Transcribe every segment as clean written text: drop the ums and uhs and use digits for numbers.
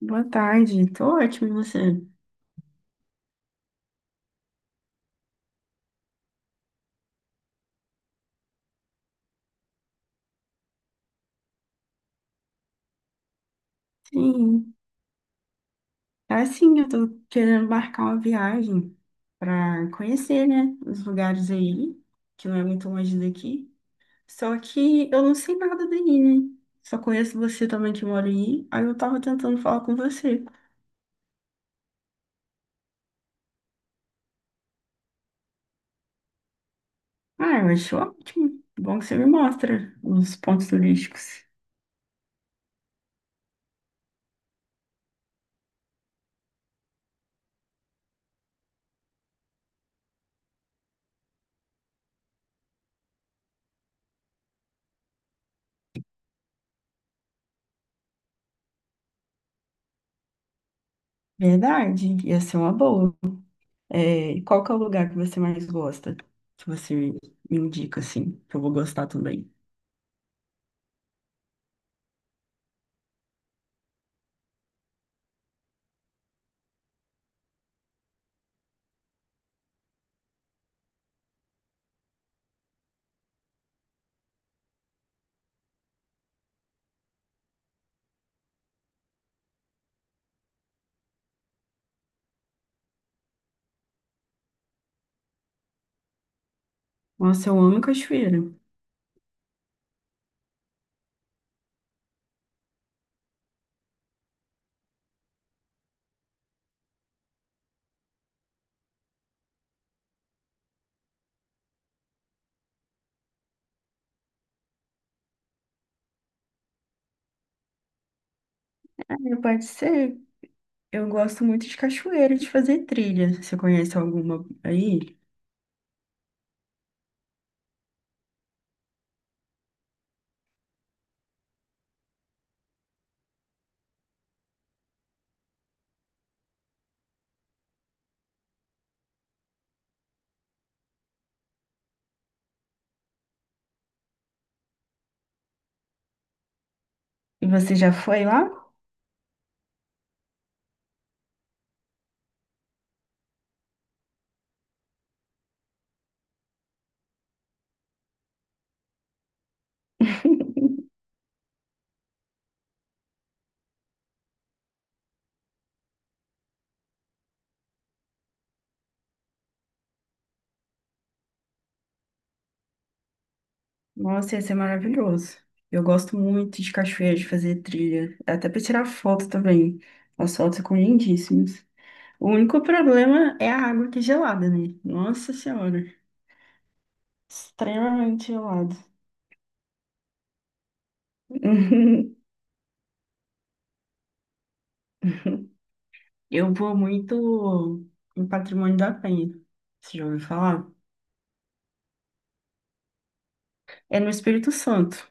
Boa tarde, tô ótimo, e você? Sim, assim, eu tô querendo marcar uma viagem pra conhecer, né, os lugares aí, que não é muito longe daqui. Só que eu não sei nada daí, né? Só conheço você também que mora aí, aí eu tava tentando falar com você. Ah, eu acho ótimo. Bom que você me mostra os pontos turísticos. Verdade, ia ser uma boa. É, qual que é o lugar que você mais gosta? Que você me indica, assim, que eu vou gostar também. Nossa, eu amo cachoeira. Ah, é, pode ser. Eu gosto muito de cachoeira, de fazer trilha. Você conhece alguma aí? E você já foi lá? Nossa, ia ser maravilhoso. Eu gosto muito de cachoeira, de fazer trilha. Até para tirar foto também. As fotos ficam lindíssimas. O único problema é a água que é gelada, né? Nossa Senhora. Extremamente gelado. Eu vou muito em Patrimônio da Penha. Você já ouviu falar? É no Espírito Santo.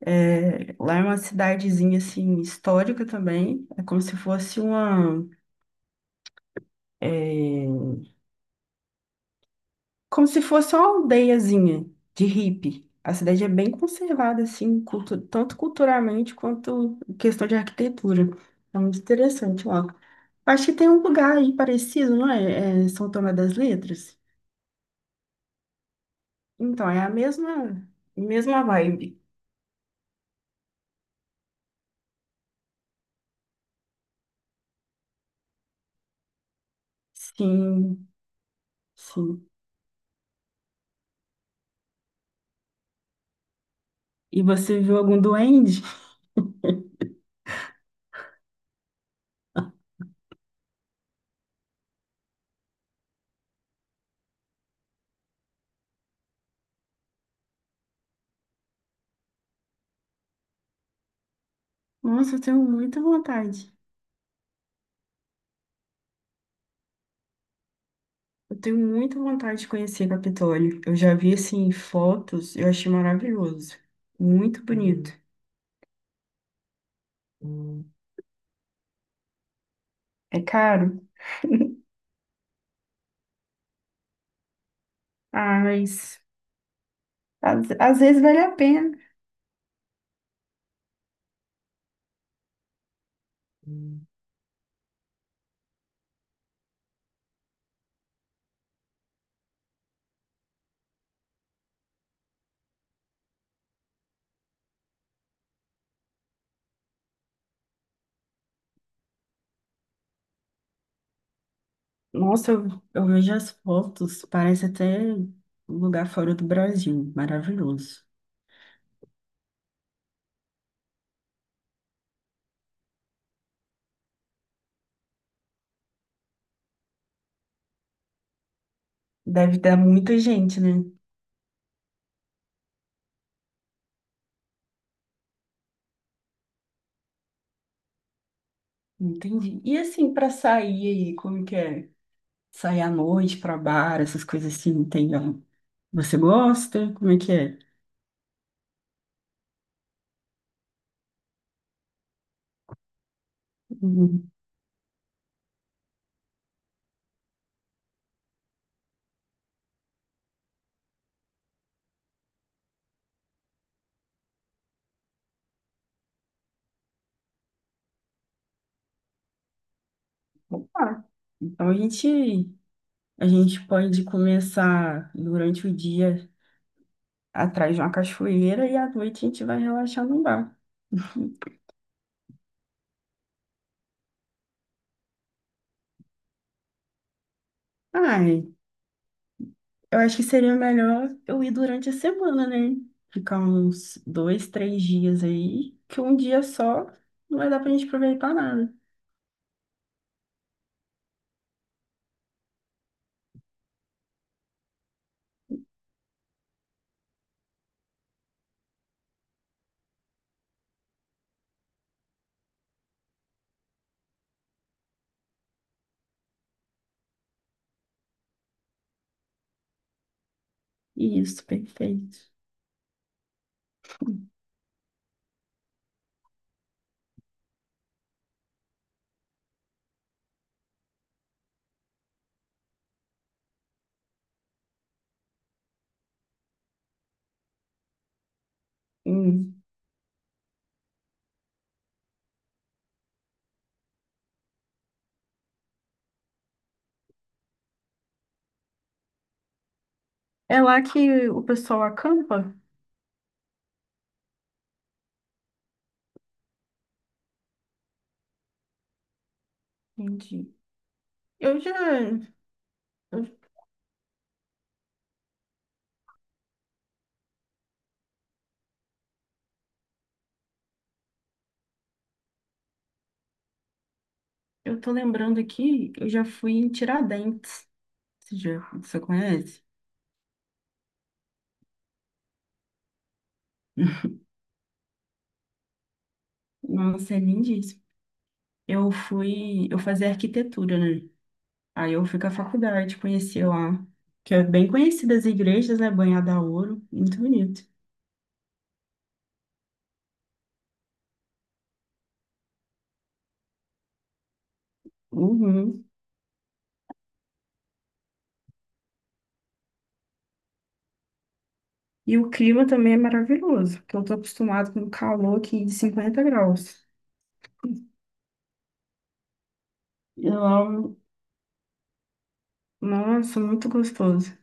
É, lá é uma cidadezinha assim histórica também. É como se fosse uma, é, como se fosse uma aldeiazinha de hippie. A cidade é bem conservada assim, tanto culturalmente quanto em questão de arquitetura. É muito interessante lá. Acho que tem um lugar aí parecido, não é? É São Tomé das Letras. Então, é a mesma vibe. Sim, sim. E você viu algum duende? Nossa, eu tenho muita vontade. Eu tenho muita vontade de conhecer Capitólio. Eu já vi, assim, fotos, eu achei maravilhoso. Muito bonito. Uhum. É caro? Ah, mas às vezes vale a pena. Nossa, eu vejo as fotos, parece até um lugar fora do Brasil. Maravilhoso. Deve dar muita gente, né? Entendi. E assim, pra sair aí, como que é? Sair à noite pra bar, essas coisas assim, tem. Ó, você gosta? Como é que é? Opa! Então a gente pode começar durante o dia atrás de uma cachoeira e à noite a gente vai relaxar num bar. Ai, eu acho que seria melhor eu ir durante a semana, né? Ficar uns dois, três dias aí, que um dia só não vai dar pra gente aproveitar nada. Isso, perfeito. Hum. É lá que o pessoal acampa? Entendi. Eu já. Eu, eu tô lembrando aqui, eu já fui em Tiradentes. Você já, você conhece? Nossa, é lindíssimo. Eu fui, eu fazia arquitetura, né? Aí eu fui com a faculdade, conheci lá, que é bem conhecida as igrejas, né? Banhada a ouro, muito bonito. Uhum. E o clima também é maravilhoso, porque eu tô acostumado com calor aqui de 50 graus. E lá, nossa, muito gostoso.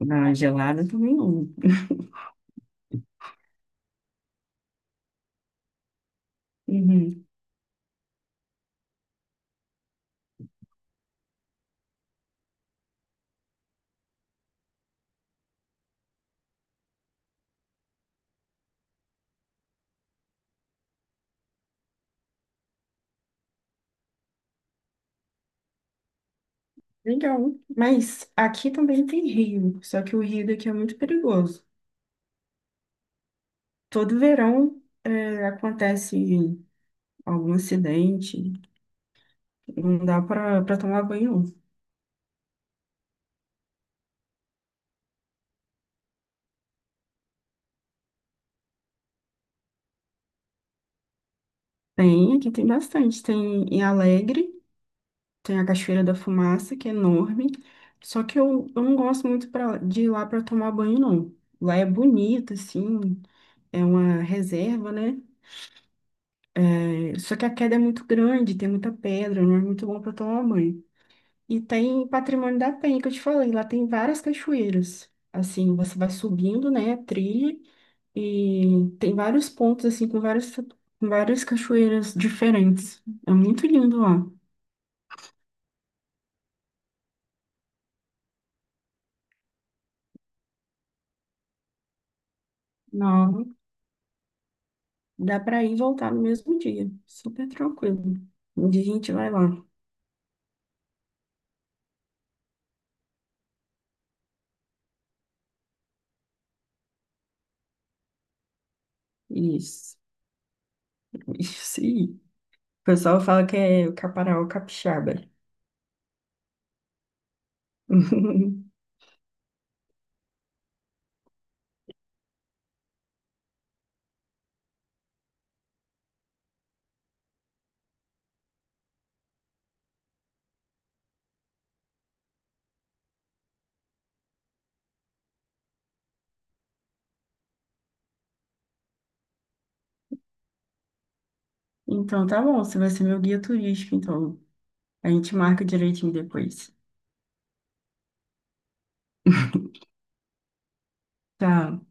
Na gelada também não. Uhum. Legal. Mas aqui também tem rio, só que o rio daqui é muito perigoso. Todo verão é, acontece algum acidente, não dá para tomar banho, não. Tem, aqui tem bastante. Tem em Alegre, tem a Cachoeira da Fumaça, que é enorme. Só que eu não gosto muito pra, de ir lá para tomar banho, não. Lá é bonito, assim, é uma reserva, né? É, só que a queda é muito grande, tem muita pedra, não é muito bom para tomar banho. E tem Patrimônio da Penha, que eu te falei, lá tem várias cachoeiras. Assim, você vai subindo, né, a trilha, e tem vários pontos, assim, com várias cachoeiras diferentes. É muito lindo lá. Não, dá pra ir e voltar no mesmo dia. Super tranquilo. Um dia a gente vai lá. Isso. Isso aí. O pessoal fala que é o Caparaó Capixaba. Então tá bom, você vai ser meu guia turístico, então. A gente marca direitinho depois. Tá.